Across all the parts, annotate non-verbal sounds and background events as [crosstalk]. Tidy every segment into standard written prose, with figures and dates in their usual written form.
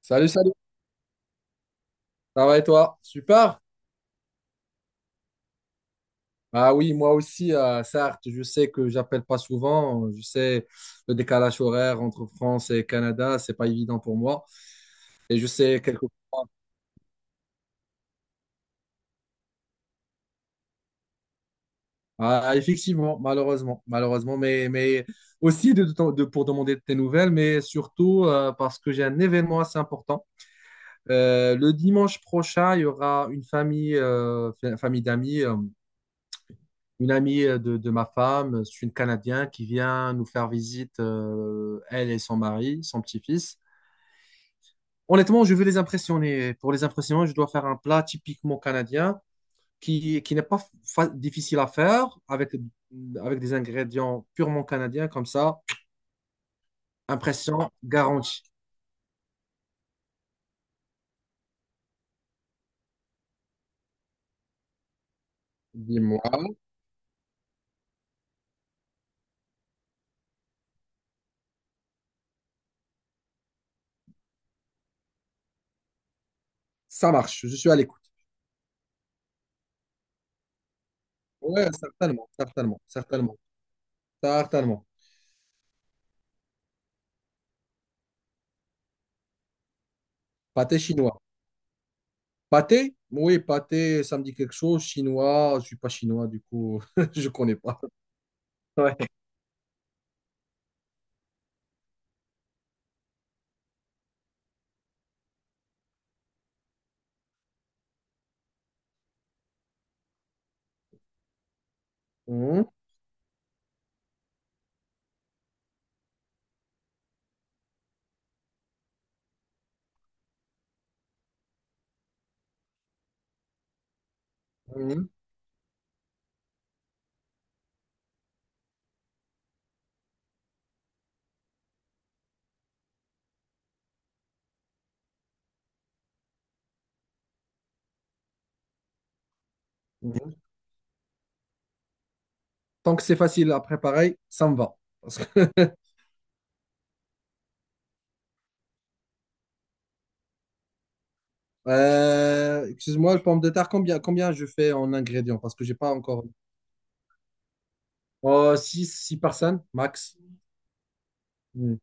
Salut, salut. Ça va et toi? Super. Ah oui, moi aussi, certes, je sais que j'appelle pas souvent. Je sais le décalage horaire entre France et Canada, c'est pas évident pour moi. Et je sais quelquefois. Ah, effectivement, malheureusement, malheureusement, mais aussi pour demander tes nouvelles, mais surtout parce que j'ai un événement assez important. Le dimanche prochain, il y aura une famille d'amis. Une amie de ma femme, c'est une Canadienne qui vient nous faire visite, elle et son mari, son petit-fils. Honnêtement, je veux les impressionner. Pour les impressionner, je dois faire un plat typiquement canadien qui n'est pas difficile à faire avec des ingrédients purement canadiens comme ça. Impression garantie. Dis-moi, ça marche, je suis à l'écoute. Ouais, certainement, certainement, certainement, certainement. Pâté chinois. Pâté? Oui, pâté, ça me dit quelque chose. Chinois, je ne suis pas chinois, du coup, [laughs] je ne connais pas. Ouais. Mhm, mhm, mhm. Tant que c'est facile à préparer, ça me va. Parce que, [laughs] Excuse-moi, le pomme de terre, combien je fais en ingrédients? Parce que j'ai pas encore. Oh, six 6 personnes, max. Mm.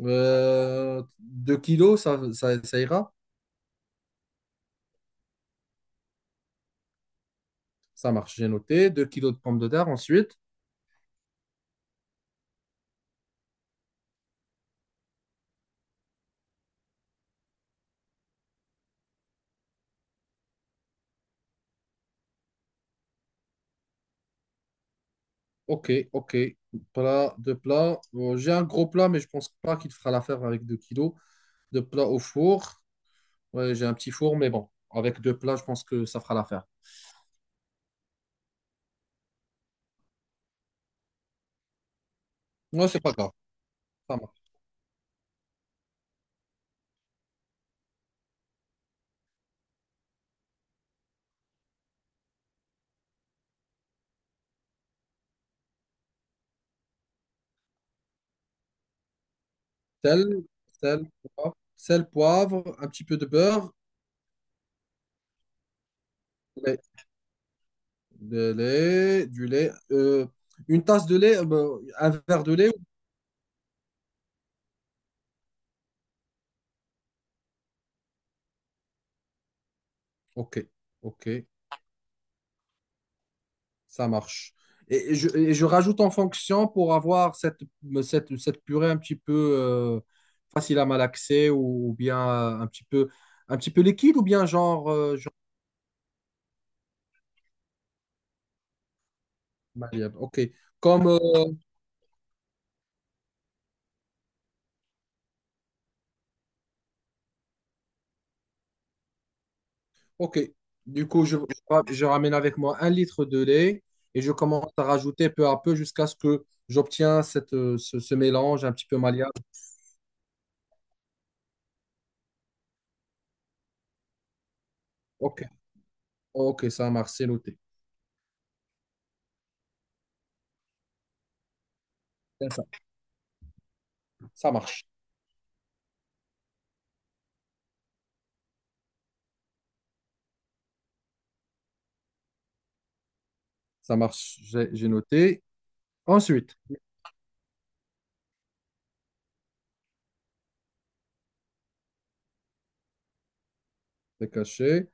2 kilos, ça ira? Ça marche, j'ai noté. 2 kilos de pommes de terre ensuite. Ok, ok. Plat, deux plats. Bon, j'ai un gros plat, mais je pense pas qu'il fera l'affaire avec 2 kilos. Deux plats au four. Ouais, j'ai un petit four, mais bon, avec deux plats, je pense que ça fera l'affaire. Ouais, c'est pas grave. Ça marche. Sel, sel, sel, poivre, un petit peu de beurre, lait, du lait. Une tasse de lait, ben, un verre de lait. Ok, ok. Ça marche. Et je rajoute en fonction pour avoir cette purée un petit peu euh, facile à malaxer ou bien un petit peu liquide ou bien genre malléable. OK. Comme, OK. Du coup, je ramène avec moi 1 litre de lait et je commence à rajouter peu à peu jusqu'à ce que j'obtiens ce mélange un petit peu malléable. OK. OK, ça marche, c'est noté. C'est ça, ça marche. Ça marche, j'ai noté. Ensuite, c'est caché.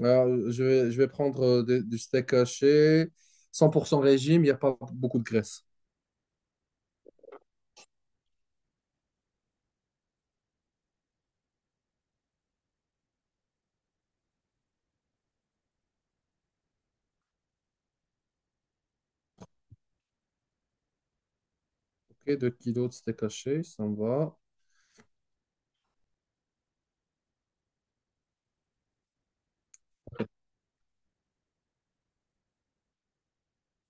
Alors, je vais prendre du steak haché, 100% régime, il n'y a pas beaucoup de graisse. Ok, 2 kilos de steak haché, ça me va.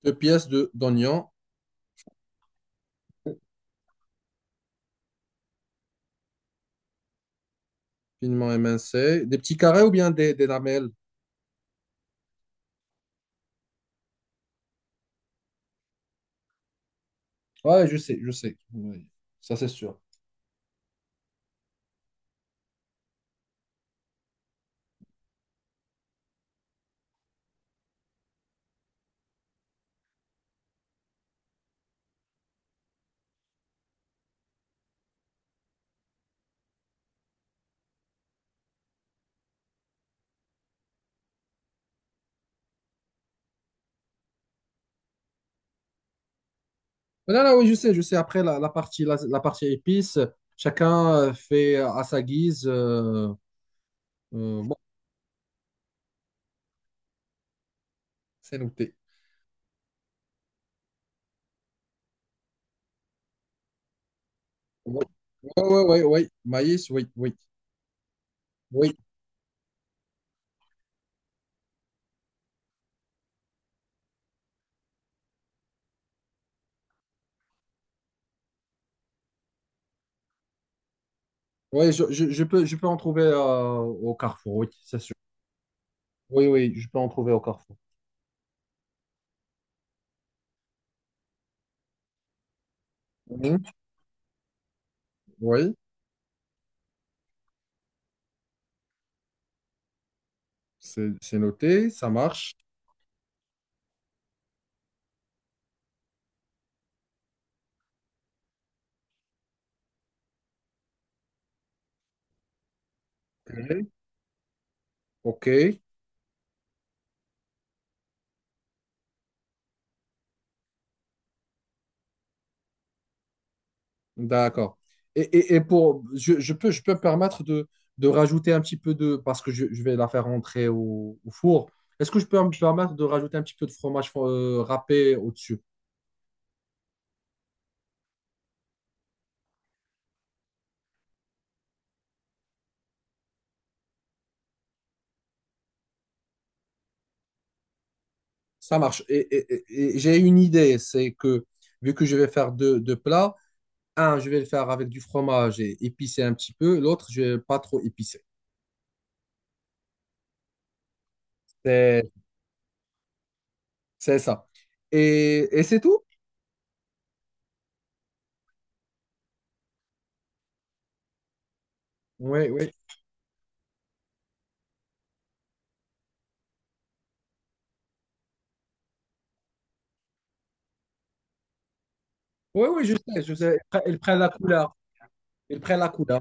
Deux pièces de d'oignons, finement émincés. Des petits carrés ou bien des lamelles? Ouais, je sais, je sais. Oui, ça, c'est sûr. Mais là, là, oui, je sais, je sais. Après, la partie épices, chacun fait à sa guise. Bon, c'est noté. Oui, oui, oui, oui. Maïs, oui, oui. Oui, oui, je peux en trouver au Carrefour, oui, c'est sûr. Oui, oui, je peux en trouver au Carrefour. Mhm. Oui, c'est noté, ça marche. Ok, ok. D'accord. Et pour, je peux me permettre de rajouter un petit peu de, parce que je vais la faire rentrer au four. Est-ce que je peux me permettre de rajouter un petit peu de fromage râpé au-dessus? Ça marche. Et j'ai une idée, c'est que vu que je vais faire deux plats, un, je vais le faire avec du fromage et épicé un petit peu. L'autre, je vais pas trop épicé. C'est c'est ça. Et c'est tout? Oui, oui. Oui, oui, je sais, je sais. Il prend la couleur. Ils prennent la couleur.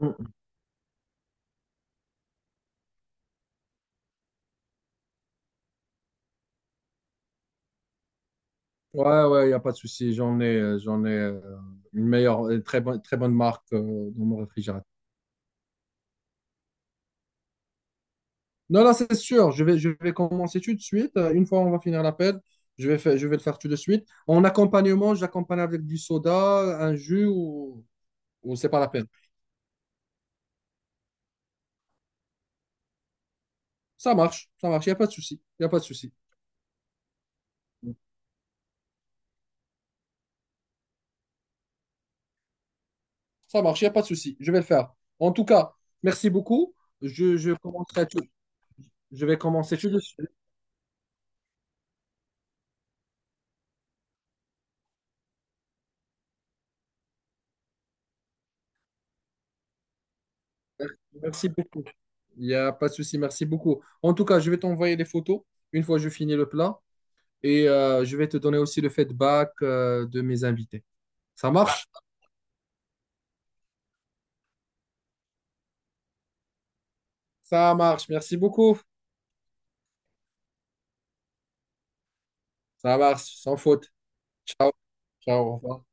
Mm. Ouais, ouais, il n'y a pas de souci. J'en ai une meilleure, très bonne marque dans mon réfrigérateur. Non, là, c'est sûr. Je vais commencer tout de suite. Une fois on va finir l'appel, je vais le faire tout de suite. En accompagnement, j'accompagne avec du soda, un jus ou c'est pas la peine. Ça marche, il n'y a pas de souci, il n'y a pas de souci. Ça marche, il n'y a pas de souci, je vais le faire. En tout cas, merci beaucoup. Je commencerai tout. Je vais commencer tout de suite. Merci beaucoup. Il n'y a pas de souci, merci beaucoup. En tout cas, je vais t'envoyer les photos une fois que je finis le plat et je vais te donner aussi le feedback de mes invités. Ça marche? Ça marche, merci beaucoup. Ça marche, sans faute. Ciao, au revoir.